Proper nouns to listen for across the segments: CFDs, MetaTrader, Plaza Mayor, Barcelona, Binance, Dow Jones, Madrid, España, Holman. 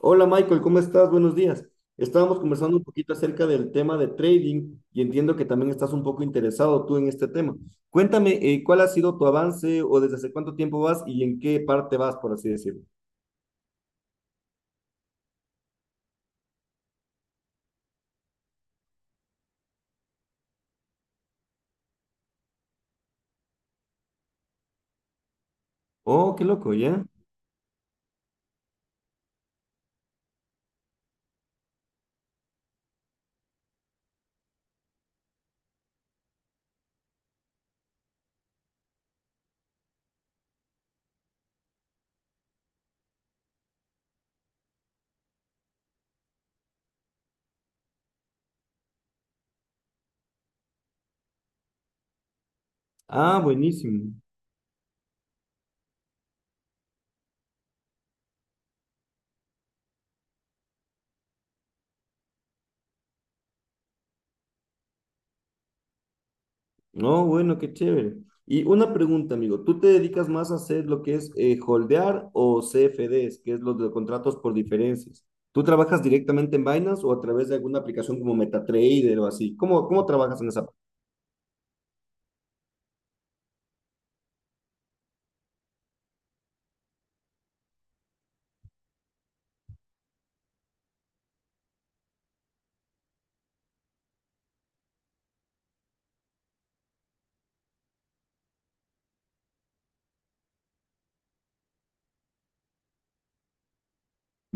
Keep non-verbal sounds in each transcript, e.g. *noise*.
Hola, Michael, ¿cómo estás? Buenos días. Estábamos conversando un poquito acerca del tema de trading y entiendo que también estás un poco interesado tú en este tema. Cuéntame, ¿cuál ha sido tu avance o desde hace cuánto tiempo vas y en qué parte vas, por así decirlo? Oh, qué loco, ¿ya? Ah, buenísimo. No, bueno, qué chévere. Y una pregunta, amigo, ¿tú te dedicas más a hacer lo que es holdear o CFDs, que es los de contratos por diferencias? ¿Tú trabajas directamente en Binance o a través de alguna aplicación como MetaTrader o así? ¿Cómo trabajas en esa?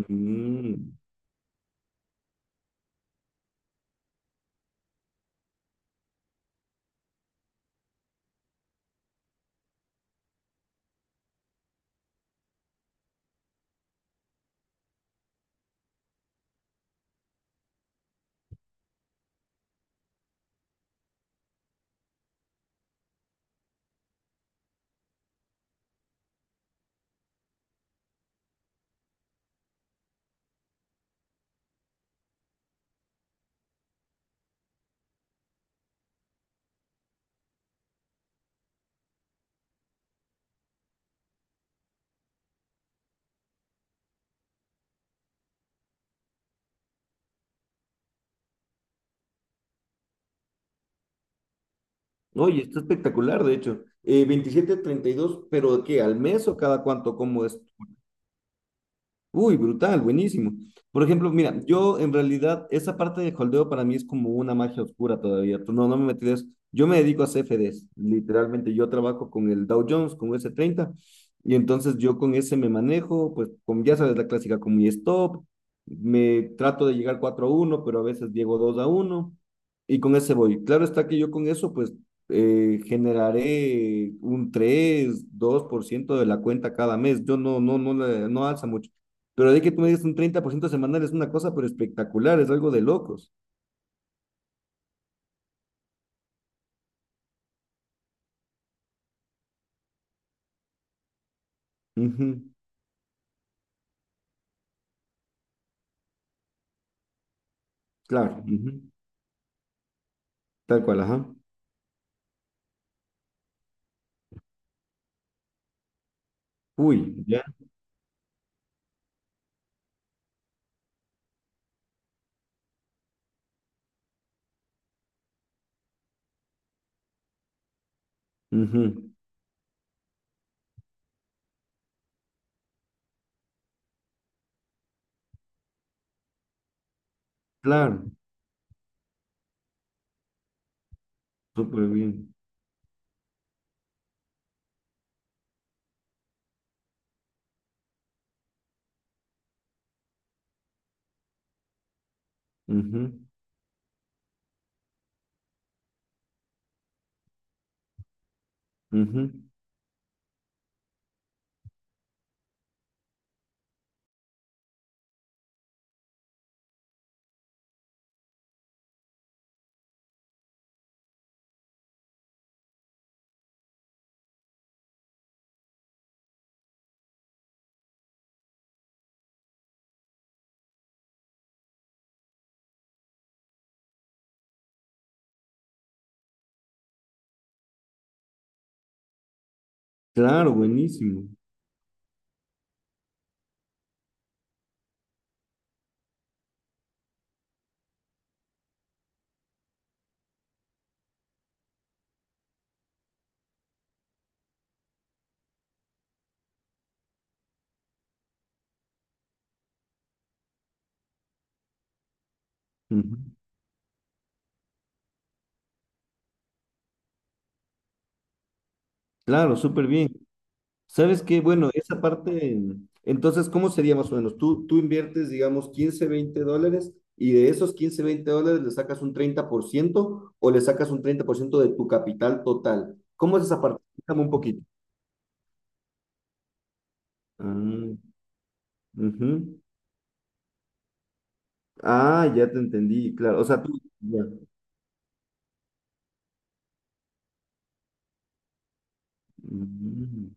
Mm. Oye, está espectacular, de hecho. 27, 32, pero ¿qué? ¿Al mes o cada cuánto? ¿Cómo es? Uy, brutal, buenísimo. Por ejemplo, mira, yo en realidad esa parte de holdeo para mí es como una magia oscura todavía. Tú... No, no me metí de eso. Yo me dedico a CFDs, literalmente. Yo trabajo con el Dow Jones, con s treinta, y entonces yo con ese me manejo, pues con, ya sabes, la clásica con mi stop. Me trato de llegar 4 a uno, pero a veces llego 2 a uno y con ese voy. Claro está que yo con eso, pues generaré un 3, 2% de la cuenta cada mes. Yo no alza mucho. Pero de que tú me digas un 30% semanal es una cosa, pero espectacular, es algo de locos. Ujú. Claro, ujú. Tal cual, ajá. Uy, ya. Ujú. Claro, súper bien. Ujú, ujú. Claro, buenísimo. Ujú. Claro, súper bien. ¿Sabes qué? Bueno, esa parte, entonces, ¿cómo sería más o menos? Tú inviertes, digamos, $15, $20, y de esos $15, $20 le sacas un 30%, o le sacas un 30% de tu capital total. ¿Cómo es esa parte? Explícame un poquito. Ah, ujú. Ah, ya te entendí, claro. O sea, tú. Ya. Mm,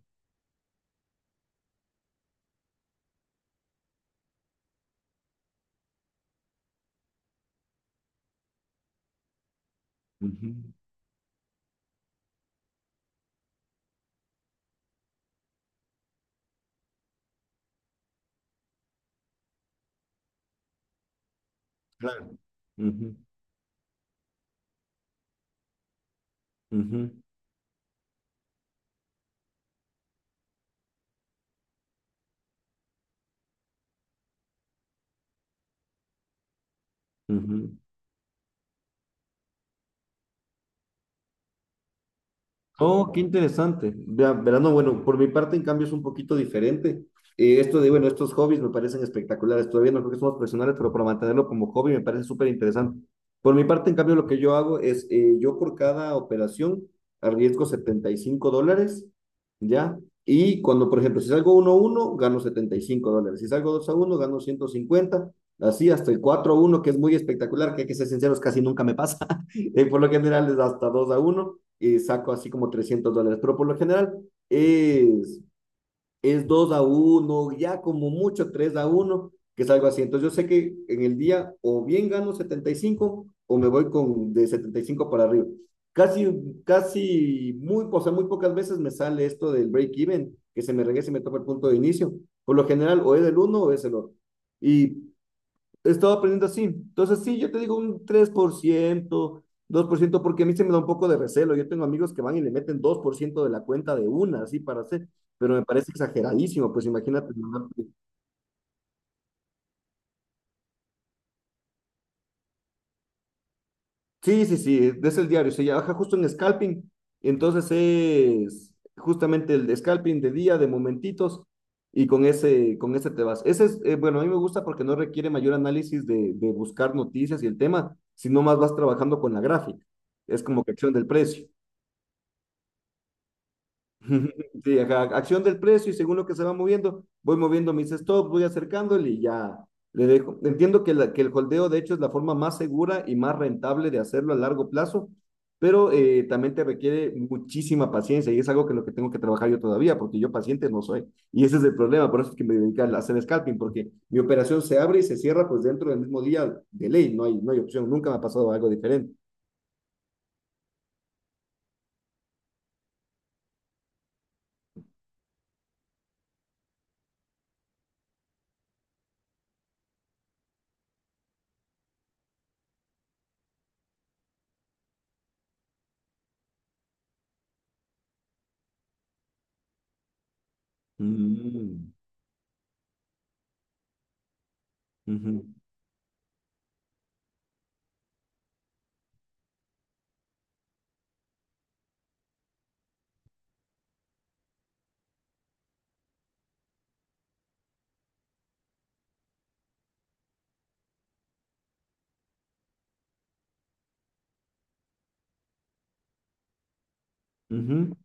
ujú. Claro. Ujú, ujú, ujú. Oh, qué interesante. Verano, bueno, por mi parte en cambio es un poquito diferente. Esto de, bueno, estos hobbies me parecen espectaculares. Todavía no creo que somos profesionales, pero para mantenerlo como hobby me parece súper interesante. Por mi parte, en cambio, lo que yo hago es, yo por cada operación arriesgo $75, ¿ya? Y cuando, por ejemplo, si salgo uno a uno gano $75. Si salgo dos a uno gano 150. Así hasta el cuatro a uno, que es muy espectacular, que hay que ser sinceros, casi nunca me pasa. Por lo general es hasta 2 a uno y saco así como $300, pero por lo general es, es 2 a uno, ya como mucho 3 a uno, que es algo así. Entonces yo sé que en el día o bien gano 75, o me voy con de 75 para arriba. Casi, o sea, muy pocas veces me sale esto del break-even, que se me regrese y me toca el punto de inicio. Por lo general o es el uno o es el otro. Y he estado aprendiendo así. Entonces, sí, yo te digo un tres por ciento, dos por ciento porque a mí se me da un poco de recelo. Yo tengo amigos que van y le meten 2% de la cuenta de una, así para hacer, pero me parece exageradísimo, pues imagínate, ¿no? Sí, sí, sí, es el diario, se trabaja justo en scalping, entonces es justamente el de scalping de día, de momentitos, y con ese te vas. Ese es, bueno, a mí me gusta porque no requiere mayor análisis de buscar noticias y el tema, sino más vas trabajando con la gráfica. Es como que acción del precio. *laughs* Sí, ajá, acción del precio, y según lo que se va moviendo, voy moviendo mis stops, voy acercándole y ya le dejo. Entiendo que, que el holdeo, de hecho, es la forma más segura y más rentable de hacerlo a largo plazo, pero también te requiere muchísima paciencia y es algo que lo que tengo que trabajar yo todavía, porque yo paciente no soy. Y ese es el problema, por eso es que me dedico a hacer scalping, porque mi operación se abre y se cierra pues dentro del mismo día de ley, no hay opción, nunca me ha pasado algo diferente. Mm, ujú, ujú.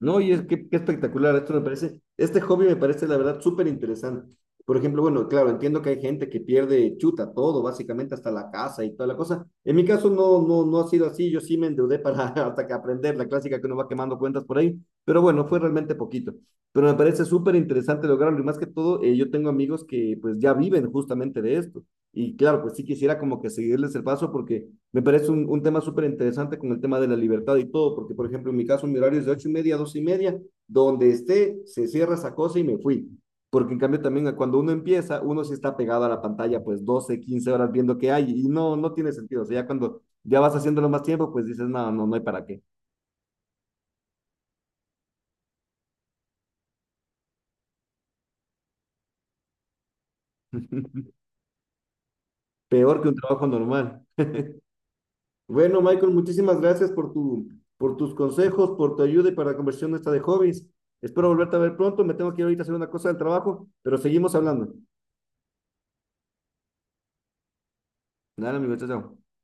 No, y es que qué espectacular, esto me parece, este hobby me parece la verdad súper interesante. Por ejemplo, bueno, claro, entiendo que hay gente que pierde chuta todo, básicamente hasta la casa y toda la cosa. En mi caso no ha sido así, yo sí me endeudé para *laughs* hasta que aprender la clásica que uno va quemando cuentas por ahí, pero bueno, fue realmente poquito. Pero me parece súper interesante lograrlo, y más que todo, yo tengo amigos que pues ya viven justamente de esto. Y claro, pues sí quisiera como que seguirles el paso, porque me parece un tema súper interesante con el tema de la libertad y todo, porque por ejemplo en mi caso mi horario es de 8:30 a 2:30, donde esté se cierra esa cosa y me fui. Porque en cambio también cuando uno empieza, uno sí está pegado a la pantalla pues 12, 15 horas viendo qué hay y no, no tiene sentido. O sea, ya cuando ya vas haciéndolo más tiempo, pues dices, no, no hay para qué. *laughs* Peor que un trabajo normal. Bueno, Michael, muchísimas gracias por por tus consejos, por tu ayuda y para la conversión esta de hobbies. Espero volverte a ver pronto. Me tengo que ir ahorita a hacer una cosa del trabajo, pero seguimos hablando. Dale, amigo, chao. Chao.